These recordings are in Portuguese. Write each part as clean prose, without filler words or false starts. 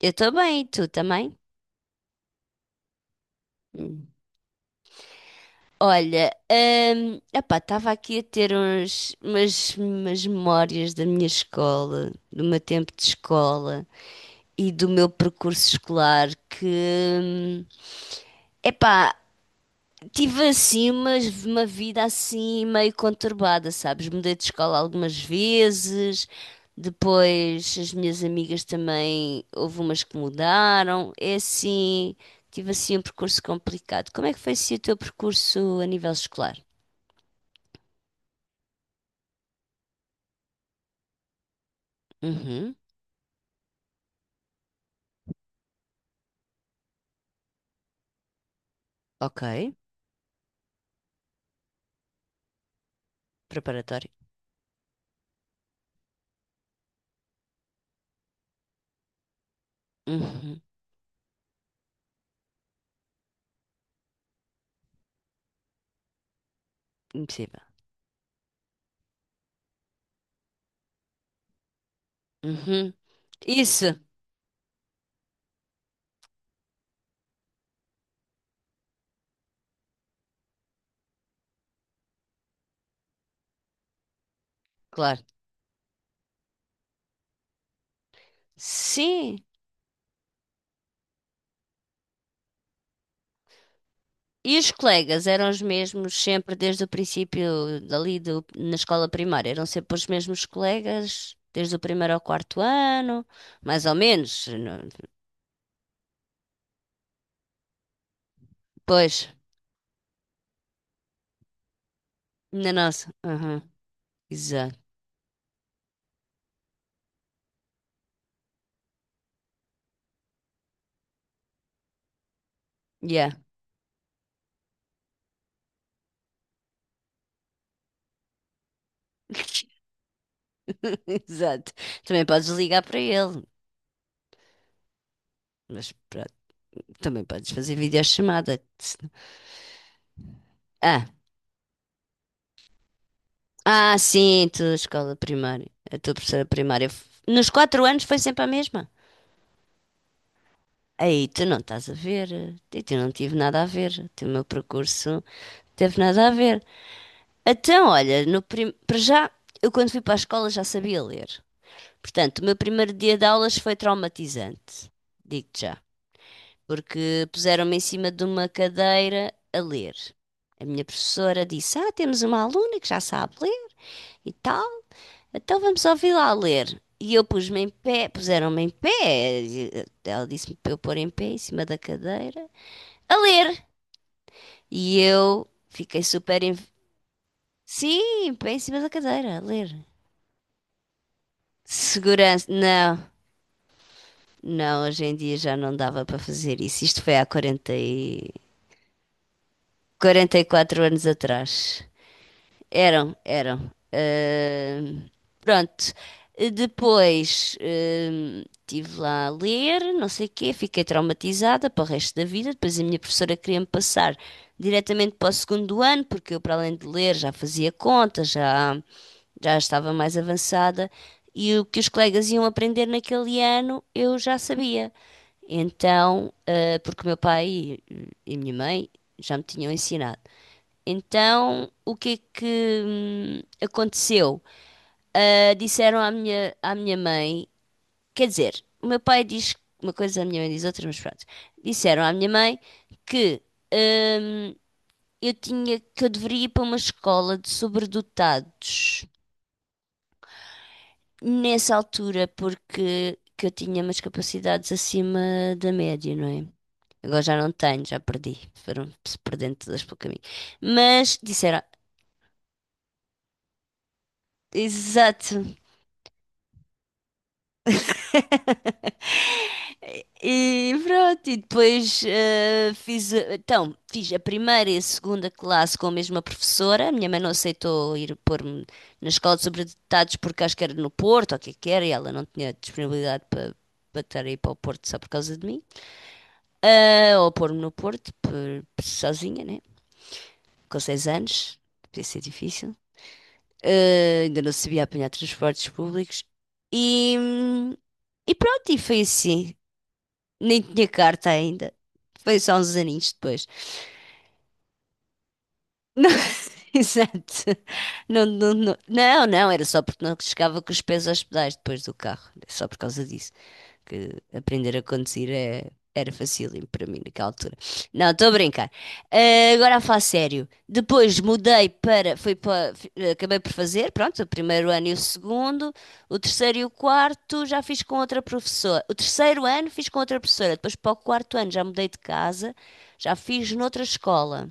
Eu estou bem, e tu também? Hum. Olha, epá, estava aqui a ter umas memórias da minha escola, do meu tempo de escola e do meu percurso escolar que, hum, epá, tive assim uma vida assim meio conturbada, sabes? Mudei de escola algumas vezes, depois as minhas amigas também, houve umas que mudaram. É assim, tive assim um percurso complicado. Como é que foi assim o teu percurso a nível escolar? Uhum, ok. Preparatório. Uhum, impossível. Uhum, isso, claro. Sim, e os colegas eram os mesmos sempre desde o princípio dali na escola primária, eram sempre os mesmos colegas desde o primeiro ao quarto ano, mais ou menos. Pois, na nossa. Aham, exato. Yeah, exato. Também podes ligar para ele, mas pronto, também podes fazer videochamada. Se não- Ah, sim, tu, escola primária, a tua professora primária. Nos 4 anos foi sempre a mesma. Aí tu não estás a ver, eu tu não tive nada a ver, o teu meu percurso teve nada a ver. Então, olha, no prim... para já, eu quando fui para a escola já sabia ler. Portanto, o meu primeiro dia de aulas foi traumatizante, digo-te já, porque puseram-me em cima de uma cadeira a ler. A minha professora disse: Ah, temos uma aluna que já sabe ler e tal, então vamos ouvi-la a ler. E eu pus-me em pé, puseram-me em pé, e ela disse-me para eu pôr em pé em cima da cadeira, a ler. E eu fiquei super. Sim, pé em cima da cadeira, a ler. Segurança. Não, não, hoje em dia já não dava para fazer isso. Isto foi há 44 anos atrás. Eram, eram. Pronto. Depois estive lá a ler, não sei o quê, fiquei traumatizada para o resto da vida. Depois a minha professora queria-me passar diretamente para o segundo ano, porque eu, para além de ler, já fazia contas, já estava mais avançada. E o que os colegas iam aprender naquele ano, eu já sabia. Então, porque o meu pai e a minha mãe já me tinham ensinado. Então, o que é que aconteceu? Ah, disseram à minha mãe, quer dizer, o meu pai diz uma coisa, a minha mãe diz outra, mas pronto. Disseram à minha mãe que hum, eu tinha, que eu deveria ir para uma escola de sobredotados nessa altura, porque que eu tinha umas capacidades acima da média, não é? Agora já não tenho, já perdi, foram-se perdendo todas pelo caminho. Mas disseram, exato. E pronto, e depois então, fiz a primeira e a segunda classe com a mesma professora. A minha mãe não aceitou ir pôr-me na escola de sobredotados porque acho que era no Porto, ou o que é que era, e ela não tinha disponibilidade para estar aí para o Porto só por causa de mim. Ah, ou pôr-me no Porto sozinha, né? Com 6 anos, devia ser difícil. Ah, ainda não sabia apanhar transportes públicos. E, hum, e pronto, e foi assim. Nem tinha carta ainda. Foi só uns aninhos depois. Não, exato. Não, não, não, não, não, era só porque não chegava com os pés aos pedais depois do carro. Só por causa disso que aprender a conduzir era facílimo para mim naquela altura. Não, estou a brincar. Ah, agora a falar sério. Depois mudei para, fui para, acabei por fazer, pronto, o primeiro ano e o segundo, o terceiro e o quarto já fiz com outra professora. O terceiro ano fiz com outra professora, depois para o quarto ano já mudei de casa, já fiz noutra escola.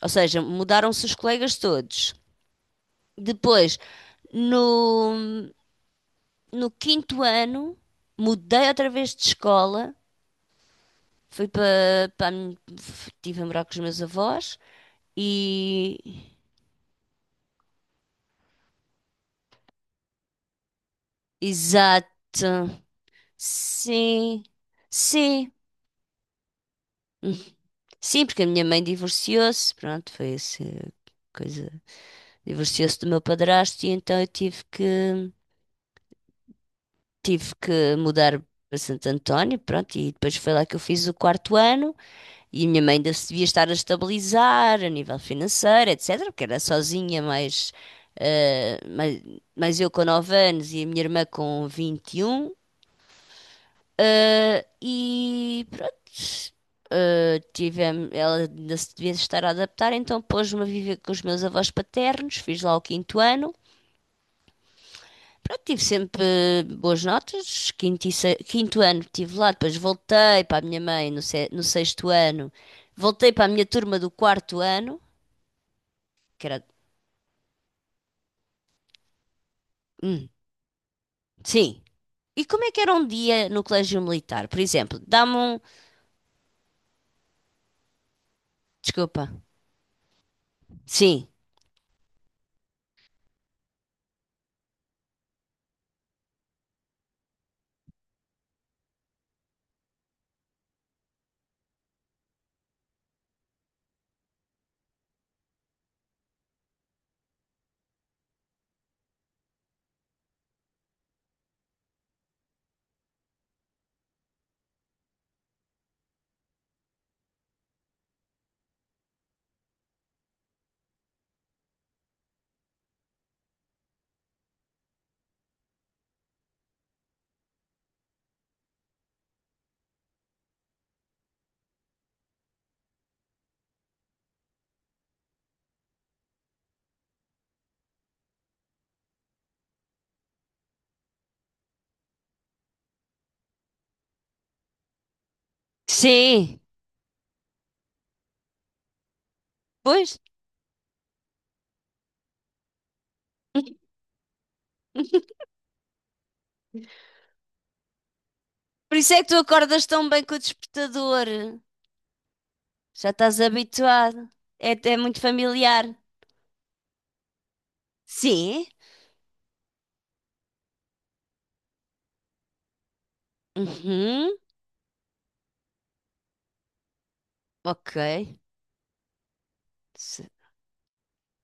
Ou seja, mudaram-se os colegas todos. Depois, no, no quinto ano, mudei outra vez de escola. Fui estive a morar com os meus avós e exato. Sim. Sim. Sim, porque a minha mãe divorciou-se, pronto, foi essa coisa. Divorciou-se do meu padrasto e então eu tive que mudar para Santo António, pronto, e depois foi lá que eu fiz o quarto ano. E a minha mãe ainda se devia estar a estabilizar a nível financeiro, etc., porque era sozinha, eh, mais, mais eu com 9 anos e a minha irmã com 21. E pronto, tivemos, ela ainda se devia estar a adaptar, então pôs-me a viver com os meus avós paternos, fiz lá o quinto ano. Pronto, tive sempre boas notas, quinto, quinto ano estive lá, depois voltei para a minha mãe no sexto ano, voltei para a minha turma do quarto ano que era. Hum, sim. E como é que era um dia no Colégio Militar? Por exemplo, dá-me um. Desculpa. Sim. Sim. Pois. Por isso é que tu acordas tão bem com o despertador. Já estás habituado. É muito familiar. Sim. Uhum. Ok. Ce-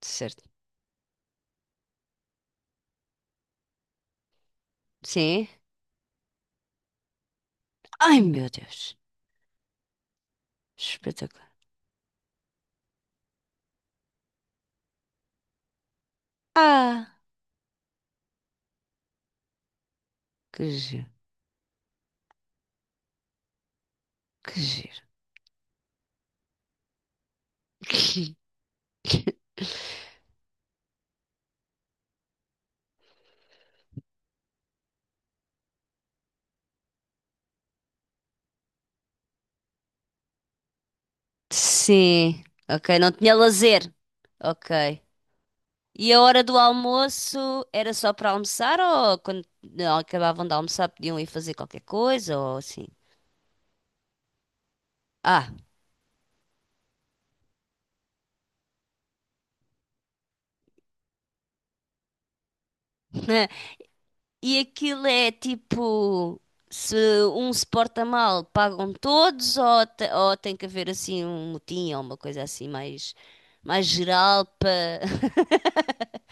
Certo. Sim. Ai, meu Deus. Espetacular. Ah, que giro. Que giro. Sim, ok. Não tinha lazer. Ok. E a hora do almoço era só para almoçar ou quando acabavam de almoçar podiam ir fazer qualquer coisa ou assim? Ah, e aquilo é tipo, se um se porta mal, pagam todos ou tem que haver assim um motim ou uma coisa assim mais geral para...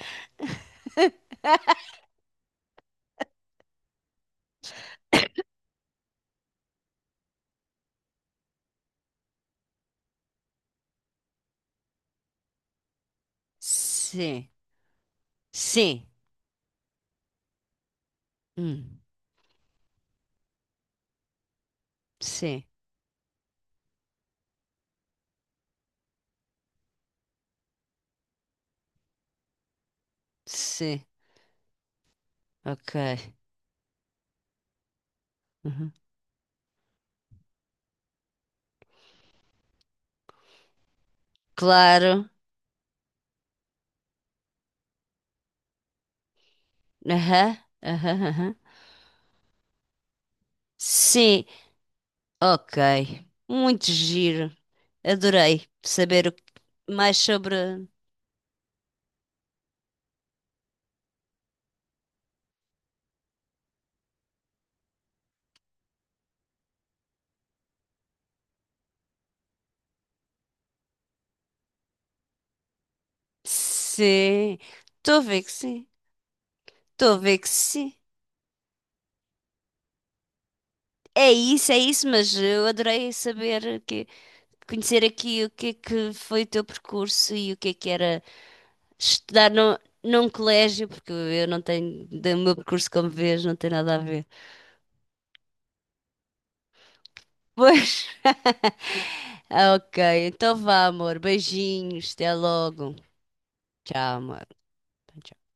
Sim, sim, hum, sim, sim, ok. Uhum. Claro. Aham, aham, aham. Sim, ok. Muito giro. Adorei saber mais sobre. Sim, estou a ver que sim. Estou a ver que sim. É isso, mas eu adorei saber que conhecer aqui o que é que foi o teu percurso e o que é que era estudar no, num colégio, porque eu não tenho, do meu percurso, como vês, não tem nada a ver. Pois. Ok, então vá, amor. Beijinhos, até logo. Tchau, amor. Tchau.